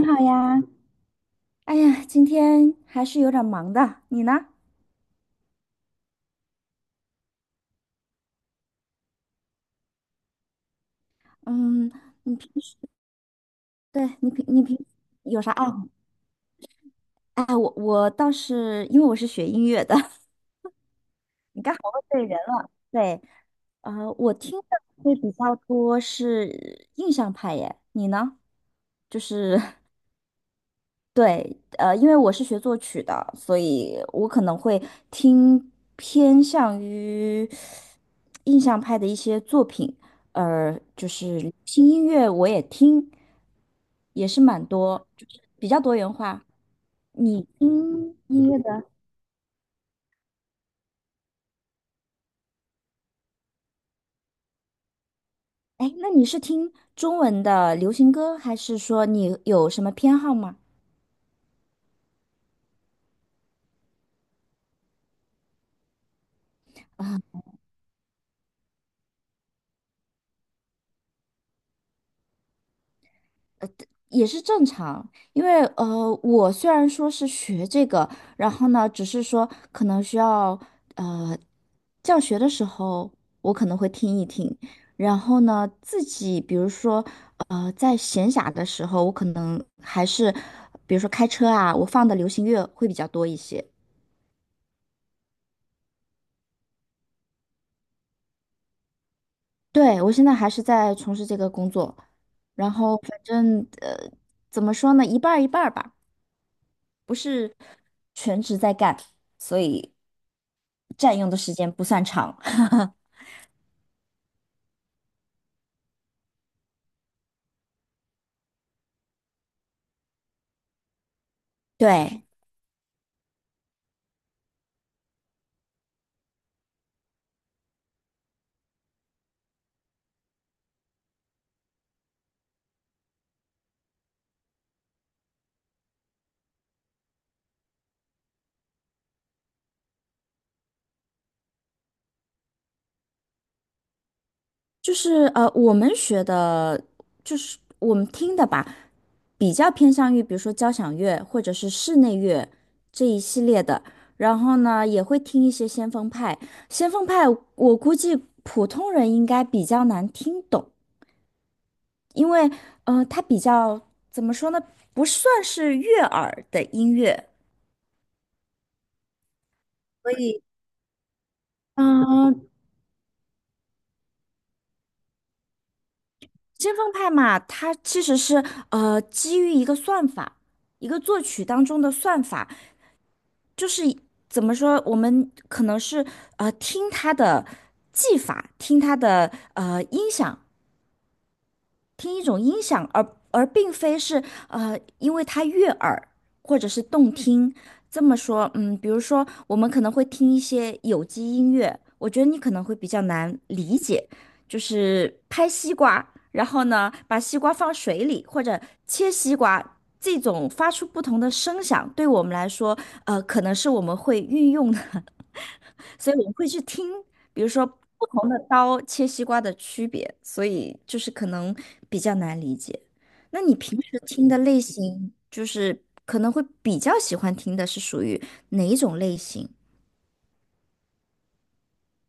你好呀，哎呀，今天还是有点忙的，你呢？嗯，你平时，对，你平时有啥爱好？哎，我倒是因为我是学音乐的，你刚好问对人了。对，我听的会比较多是印象派耶，你呢？就是 对，因为我是学作曲的，所以我可能会听偏向于印象派的一些作品，就是新音乐我也听，也是蛮多，就是比较多元化。你听音乐的，哎，那你是听中文的流行歌，还是说你有什么偏好吗？也是正常，因为我虽然说是学这个，然后呢，只是说可能需要呃，教学的时候我可能会听一听，然后呢，自己比如说在闲暇的时候，我可能还是比如说开车啊，我放的流行乐会比较多一些。对，我现在还是在从事这个工作，然后反正怎么说呢，一半儿一半儿吧，不是。所以。占用的时间不算长。对，就是我们学的，就是我们听的吧，比较偏向于比如说交响乐或者是室内乐这一系列的。然后呢，也会听一些先锋派。先锋派，我估计普通人应该比较难听懂，因为它比较怎么说呢，不算是悦耳的音乐。所以，嗯，先锋派嘛，它其实是基于一个算法，一个作曲当中的算法，就是怎么说，我们可能是听它的技法，听它的音响，听一种音响，而并非是因为它悦耳或者是动听。这么说，嗯，比如说我们可能会听一些有机音乐，我觉得你可能会比较难理解，就是拍西瓜，然后呢把西瓜放水里或者切西瓜，这种发出不同的声响，对我们来说，可能是我们会运用的所以我们会去听，比如说不同的刀切西瓜的区别，所以就是可能比较难理解。那你平时听的类型，就是可能会比较喜欢听的是属于哪一种类型？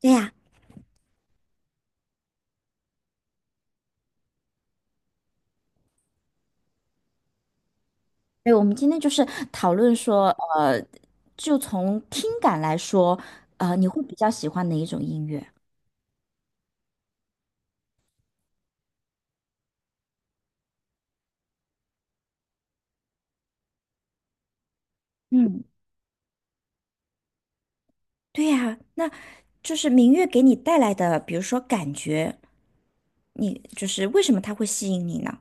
对呀，对，我们今天就是讨论说，呃，就从听感来说，你会比较喜欢哪一种音乐？嗯，对呀，那就是民乐给你带来的，比如说感觉，你就是为什么它会吸引你呢？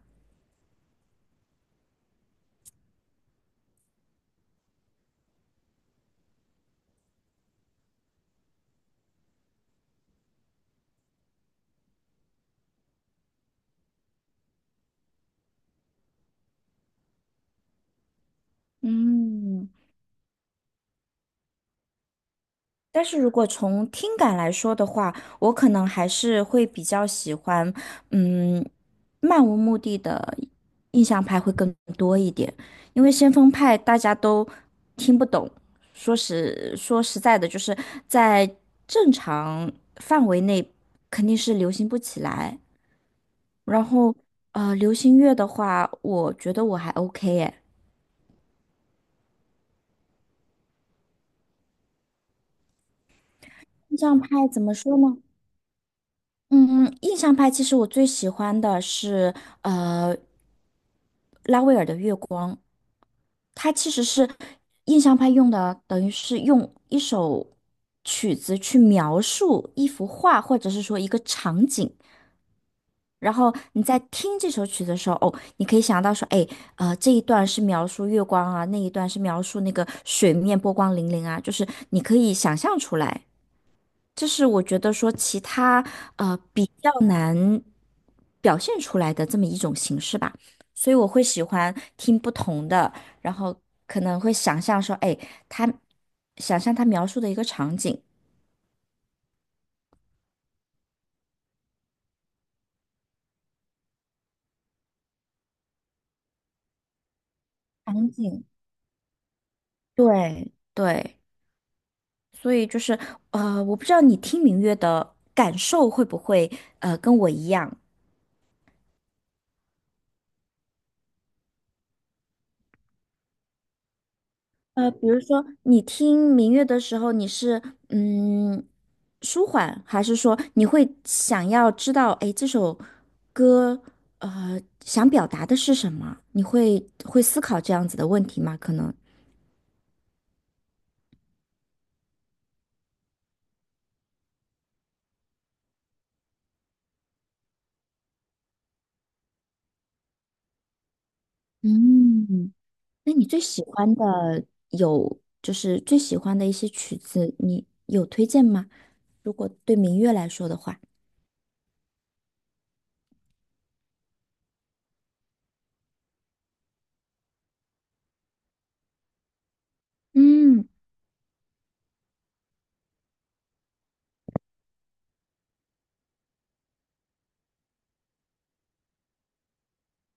嗯。但是如果从听感来说的话，我可能还是会比较喜欢，嗯，漫无目的的印象派会更多一点，因为先锋派大家都听不懂，说实在的，就是在正常范围内肯定是流行不起来。然后，流行乐的话，我觉得我还 OK 诶。印象派怎么说呢？嗯，印象派其实我最喜欢的是呃拉威尔的《月光》，它其实是印象派用的，等于是用一首曲子去描述一幅画或者是说一个场景，然后你在听这首曲子的时候，哦，你可以想到说，哎，这一段是描述月光啊，那一段是描述那个水面波光粼粼啊，就是你可以想象出来。这是我觉得说其他比较难表现出来的这么一种形式吧，所以我会喜欢听不同的，然后可能会想象说，哎，他想象他描述的一个场景，场景，对对，所以就是我不知道你听民乐的感受会不会跟我一样，比如说你听民乐的时候，你是嗯舒缓，还是说你会想要知道，哎，这首歌呃想表达的是什么？你会会思考这样子的问题吗？可能，嗯，那你最喜欢的有就是最喜欢的一些曲子，你有推荐吗？如果对民乐来说的话，嗯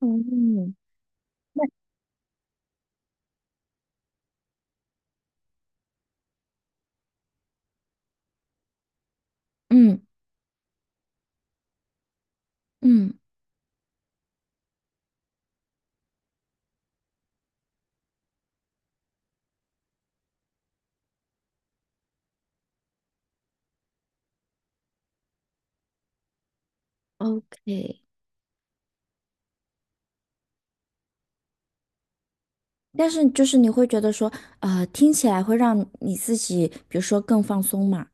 嗯嗯嗯，OK。但是就是你会觉得说，听起来会让你自己，比如说更放松嘛。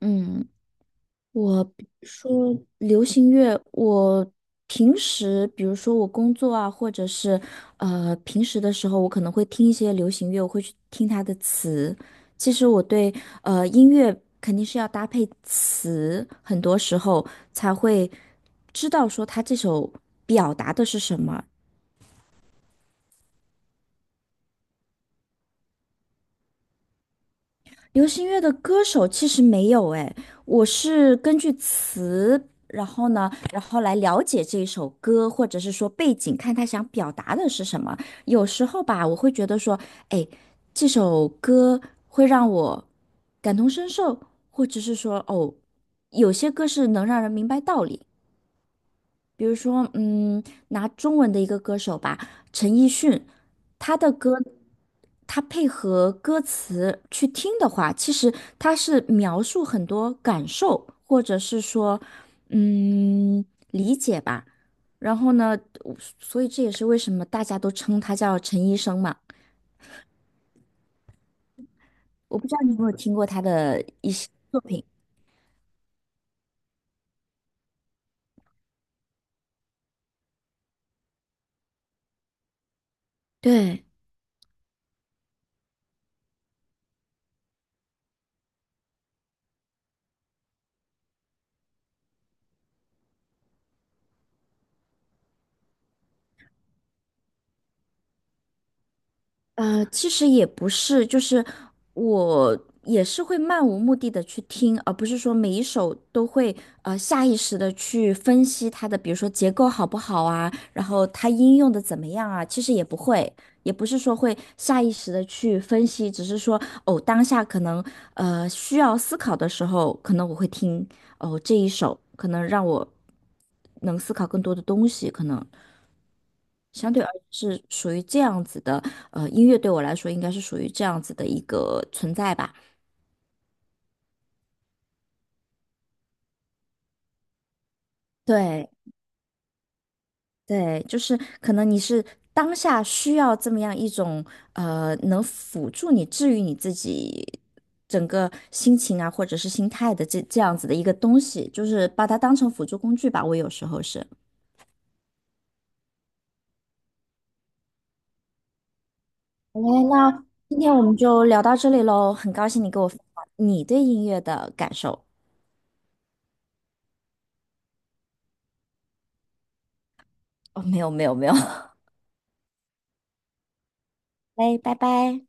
嗯，我比如说流行乐，我平时比如说我工作啊，或者是平时的时候，我可能会听一些流行乐，我会去听它的词。其实我对音乐肯定是要搭配词，很多时候才会知道说它这首表达的是什么，流行乐的歌手其实没有哎，我是根据词，然后呢，然后来了解这一首歌，或者是说背景，看他想表达的是什么。有时候吧，我会觉得说，哎，这首歌会让我感同身受，或者是说，哦，有些歌是能让人明白道理，比如说，嗯，拿中文的一个歌手吧，陈奕迅，他的歌，他配合歌词去听的话，其实他是描述很多感受，或者是说，嗯，理解吧。然后呢，我所以这也是为什么大家都称他叫陈医生嘛。我不知道你有没有听过他的一些作品。对。其实也不是，就是我也是会漫无目的的去听，而不是说每一首都会下意识的去分析它的，比如说结构好不好啊，然后它应用的怎么样啊，其实也不会，也不是说会下意识的去分析，只是说哦，当下可能需要思考的时候，可能我会听哦这一首，可能让我能思考更多的东西，可能。相对而言是属于这样子的，音乐对我来说应该是属于这样子的一个存在吧。对对，就是可能你是当下需要这么样一种能辅助你治愈你自己整个心情啊，或者是心态的这样子的一个东西，就是把它当成辅助工具吧。我有时候是。好嘞，那今天我们就聊到这里喽，很高兴你跟我分享你对音乐的感受。哦，没有没有没有，哎，拜拜。